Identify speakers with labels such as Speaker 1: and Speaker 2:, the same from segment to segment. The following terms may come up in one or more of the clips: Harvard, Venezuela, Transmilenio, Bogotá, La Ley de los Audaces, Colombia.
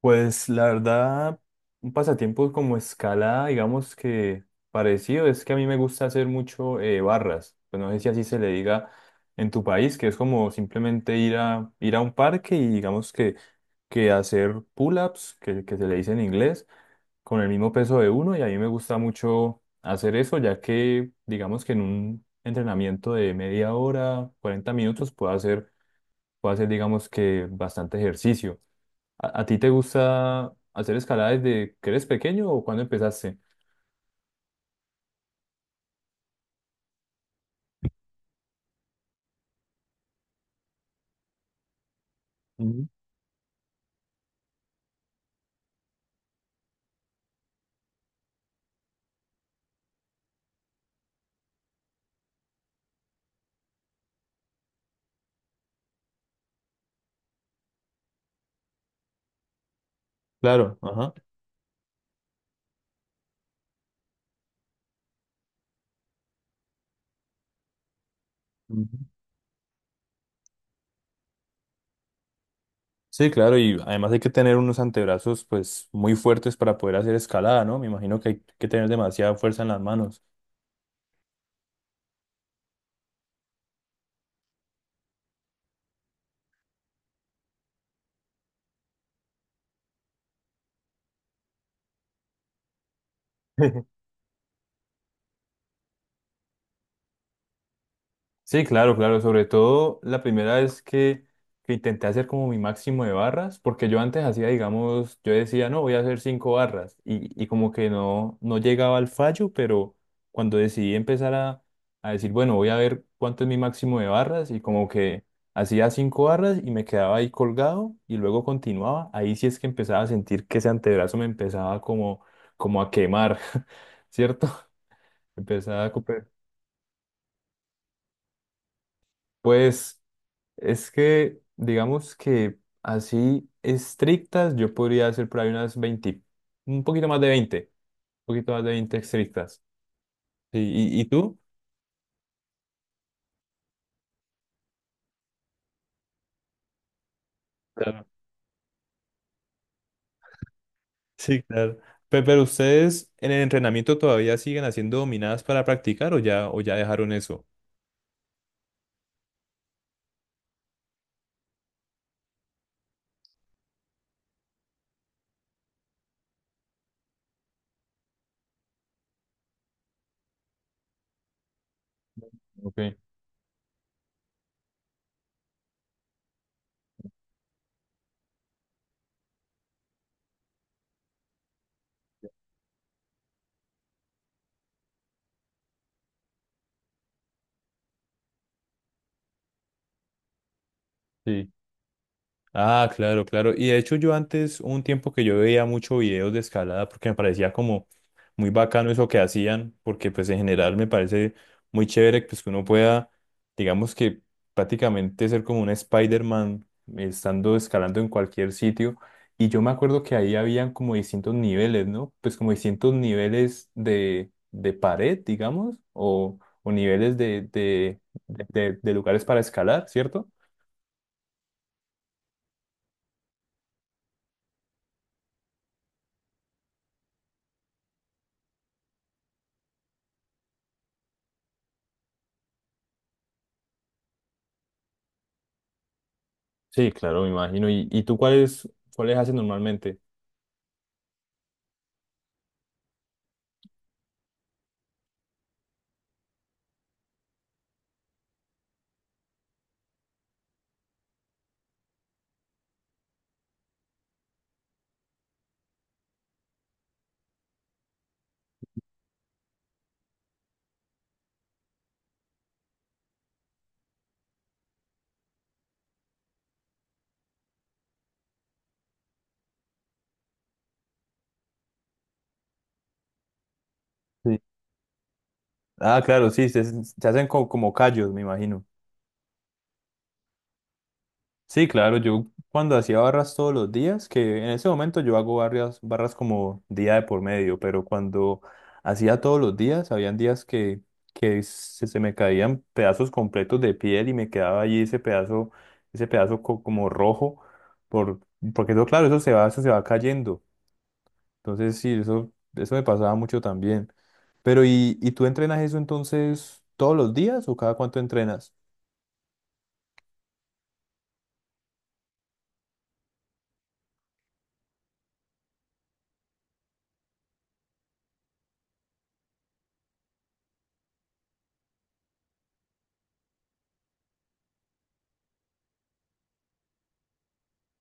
Speaker 1: Pues la verdad, un pasatiempo como escalada, digamos que parecido, es que a mí me gusta hacer mucho barras. Pues no sé si así se le diga en tu país, que es como simplemente ir a un parque y digamos que hacer pull-ups, que se le dice en inglés, con el mismo peso de uno. Y a mí me gusta mucho hacer eso, ya que digamos que en un entrenamiento de media hora, 40 minutos, puedo hacer digamos que bastante ejercicio. ¿A ti te gusta hacer escalada desde que eres pequeño o cuando empezaste? Ujú. Claro, ajá. Ujú. Sí, claro, y además hay que tener unos antebrazos pues muy fuertes para poder hacer escalada, ¿no? Me imagino que hay que tener demasiada fuerza en las manos. Sí, claro, claro. Sobre todo la primera vez que intenté hacer como mi máximo de barras, porque yo antes hacía, digamos, yo decía, no, voy a hacer cinco barras y como que no, llegaba al fallo, pero cuando decidí empezar a decir, bueno, voy a ver cuánto es mi máximo de barras y como que hacía cinco barras y me quedaba ahí colgado y luego continuaba, ahí sí es que empezaba a sentir que ese antebrazo me empezaba como a quemar, ¿cierto? Empezaba a. Pues. Es que, digamos que así estrictas, yo podría hacer por ahí unas 20, un poquito más de 20, un poquito más de 20 estrictas. Sí, ¿Y tú? Claro. Sí, claro. ¿Pero, ustedes en el entrenamiento todavía siguen haciendo dominadas para practicar o ya, dejaron eso? Ok, sí. Ah, claro, claro. Y de hecho yo antes, hubo un tiempo que yo veía mucho videos de escalada porque me parecía como muy bacano eso que hacían, porque pues en general me parece muy chévere pues que uno pueda, digamos que prácticamente ser como un Spider-Man estando escalando en cualquier sitio. Y yo me acuerdo que ahí habían como distintos niveles, ¿no? Pues como distintos niveles de pared, digamos, o niveles de, de lugares para escalar, ¿cierto? Sí, claro, me imagino. ¿Y tú cuáles haces normalmente? Sí. Ah, claro, sí, se hacen como, callos, me imagino. Sí, claro, yo cuando hacía barras todos los días, que en ese momento yo hago barras, barras como día de por medio, pero cuando hacía todos los días, habían días que se me caían pedazos completos de piel y me quedaba allí ese pedazo como rojo, por, porque eso, claro, eso se va cayendo. Entonces, sí, eso me pasaba mucho también. Pero, ¿y tú entrenas eso entonces todos los días o cada cuánto entrenas?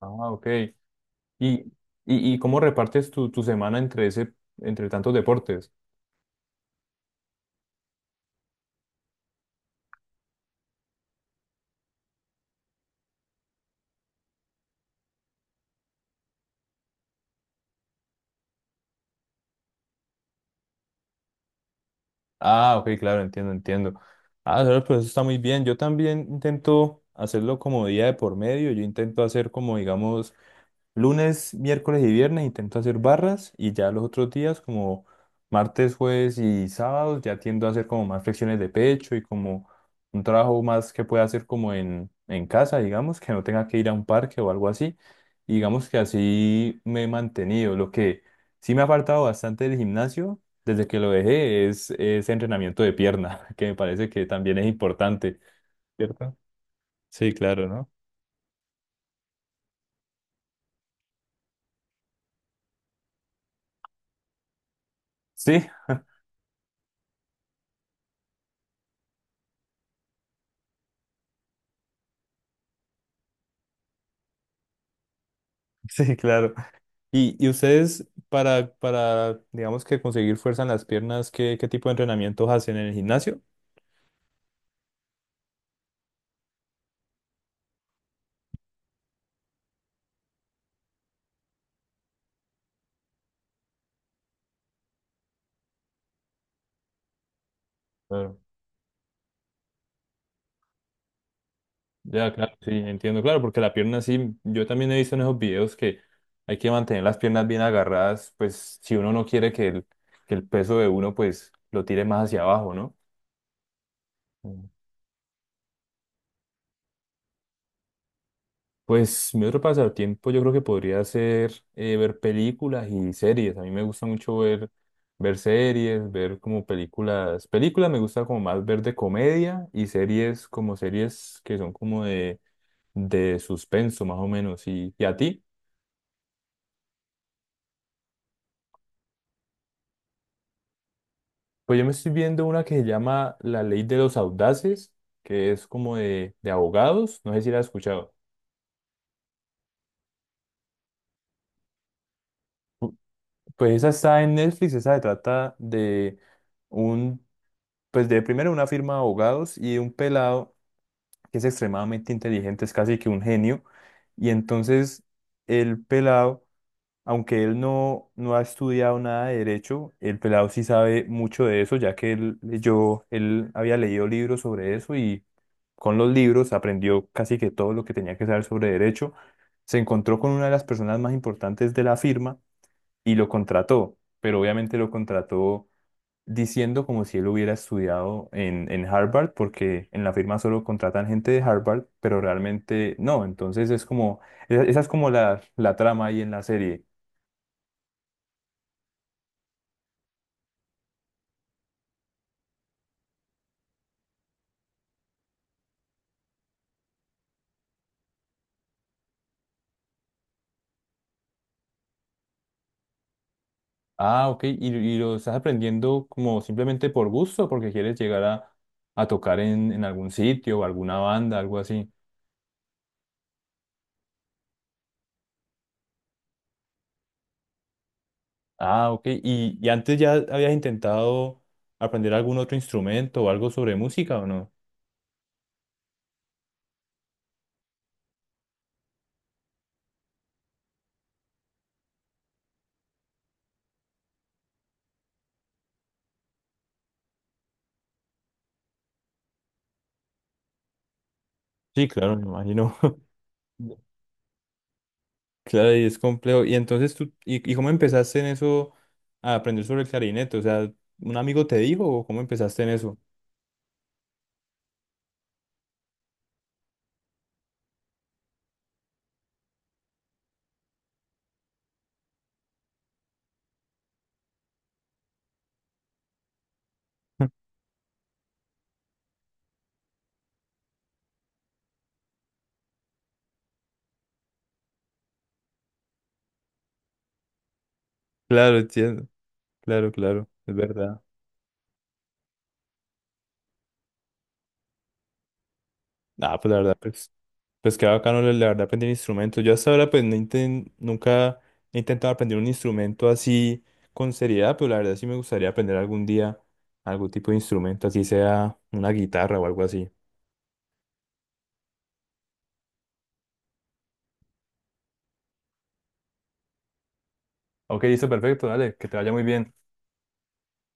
Speaker 1: Ah, ok. ¿Y, y cómo repartes tu semana entre ese, entre tantos deportes? Ah, ok, claro, entiendo, entiendo. Ah, claro, pues eso está muy bien. Yo también intento hacerlo como día de por medio. Yo intento hacer como, digamos, lunes, miércoles y viernes intento hacer barras y ya los otros días, como martes, jueves y sábados, ya tiendo a hacer como más flexiones de pecho y como un trabajo más que pueda hacer como en casa, digamos, que no tenga que ir a un parque o algo así. Y digamos que así me he mantenido. Lo que sí me ha faltado bastante del gimnasio desde que lo dejé es entrenamiento de pierna, que me parece que también es importante, ¿cierto? Sí, claro, ¿no? Sí, sí, claro. Y ustedes para, digamos que conseguir fuerza en las piernas, ¿qué tipo de entrenamientos hacen en el gimnasio? Claro. Ya, claro, sí, entiendo, claro, porque la pierna sí, yo también he visto en esos videos que hay que mantener las piernas bien agarradas, pues si uno no quiere que el peso de uno pues lo tire más hacia abajo, ¿no? Pues mi otro pasatiempo yo creo que podría ser ver películas y series. A mí me gusta mucho ver series, ver como películas. Películas me gusta como más ver de comedia y series como series que son como de suspenso más o menos. ¿Y a ti? Pues yo me estoy viendo una que se llama La Ley de los Audaces, que es como de abogados. No sé si la has escuchado. Pu- Pues esa está en Netflix, esa se trata de, un, pues, de primero una firma de abogados y un pelado que es extremadamente inteligente, es casi que un genio. Y entonces el pelado, aunque él no ha estudiado nada de derecho, el pelado sí sabe mucho de eso, ya que él había leído libros sobre eso y con los libros aprendió casi que todo lo que tenía que saber sobre derecho. Se encontró con una de las personas más importantes de la firma y lo contrató, pero obviamente lo contrató diciendo como si él hubiera estudiado en Harvard, porque en la firma solo contratan gente de Harvard, pero realmente no. Entonces es como, esa es como la trama ahí en la serie. Ah, ok, y lo estás aprendiendo como simplemente por gusto, porque quieres llegar a tocar en algún sitio o alguna banda, algo así. Ah, ok, y antes ya habías intentado aprender algún otro instrumento o algo sobre música, ¿o no? Sí, claro, me imagino. Claro, y es complejo. Y entonces tú, ¿y cómo empezaste en eso a aprender sobre el clarinete? O sea, ¿un amigo te dijo o cómo empezaste en eso? Claro, entiendo. Claro, claro, es verdad. Ah, pues la verdad, pues qué bacano, la verdad, aprender instrumentos. Yo hasta ahora, pues, nunca he intentado aprender un instrumento así con seriedad, pero la verdad sí me gustaría aprender algún día algún tipo de instrumento, así sea una guitarra o algo así. Ok, listo, perfecto, dale, que te vaya muy bien.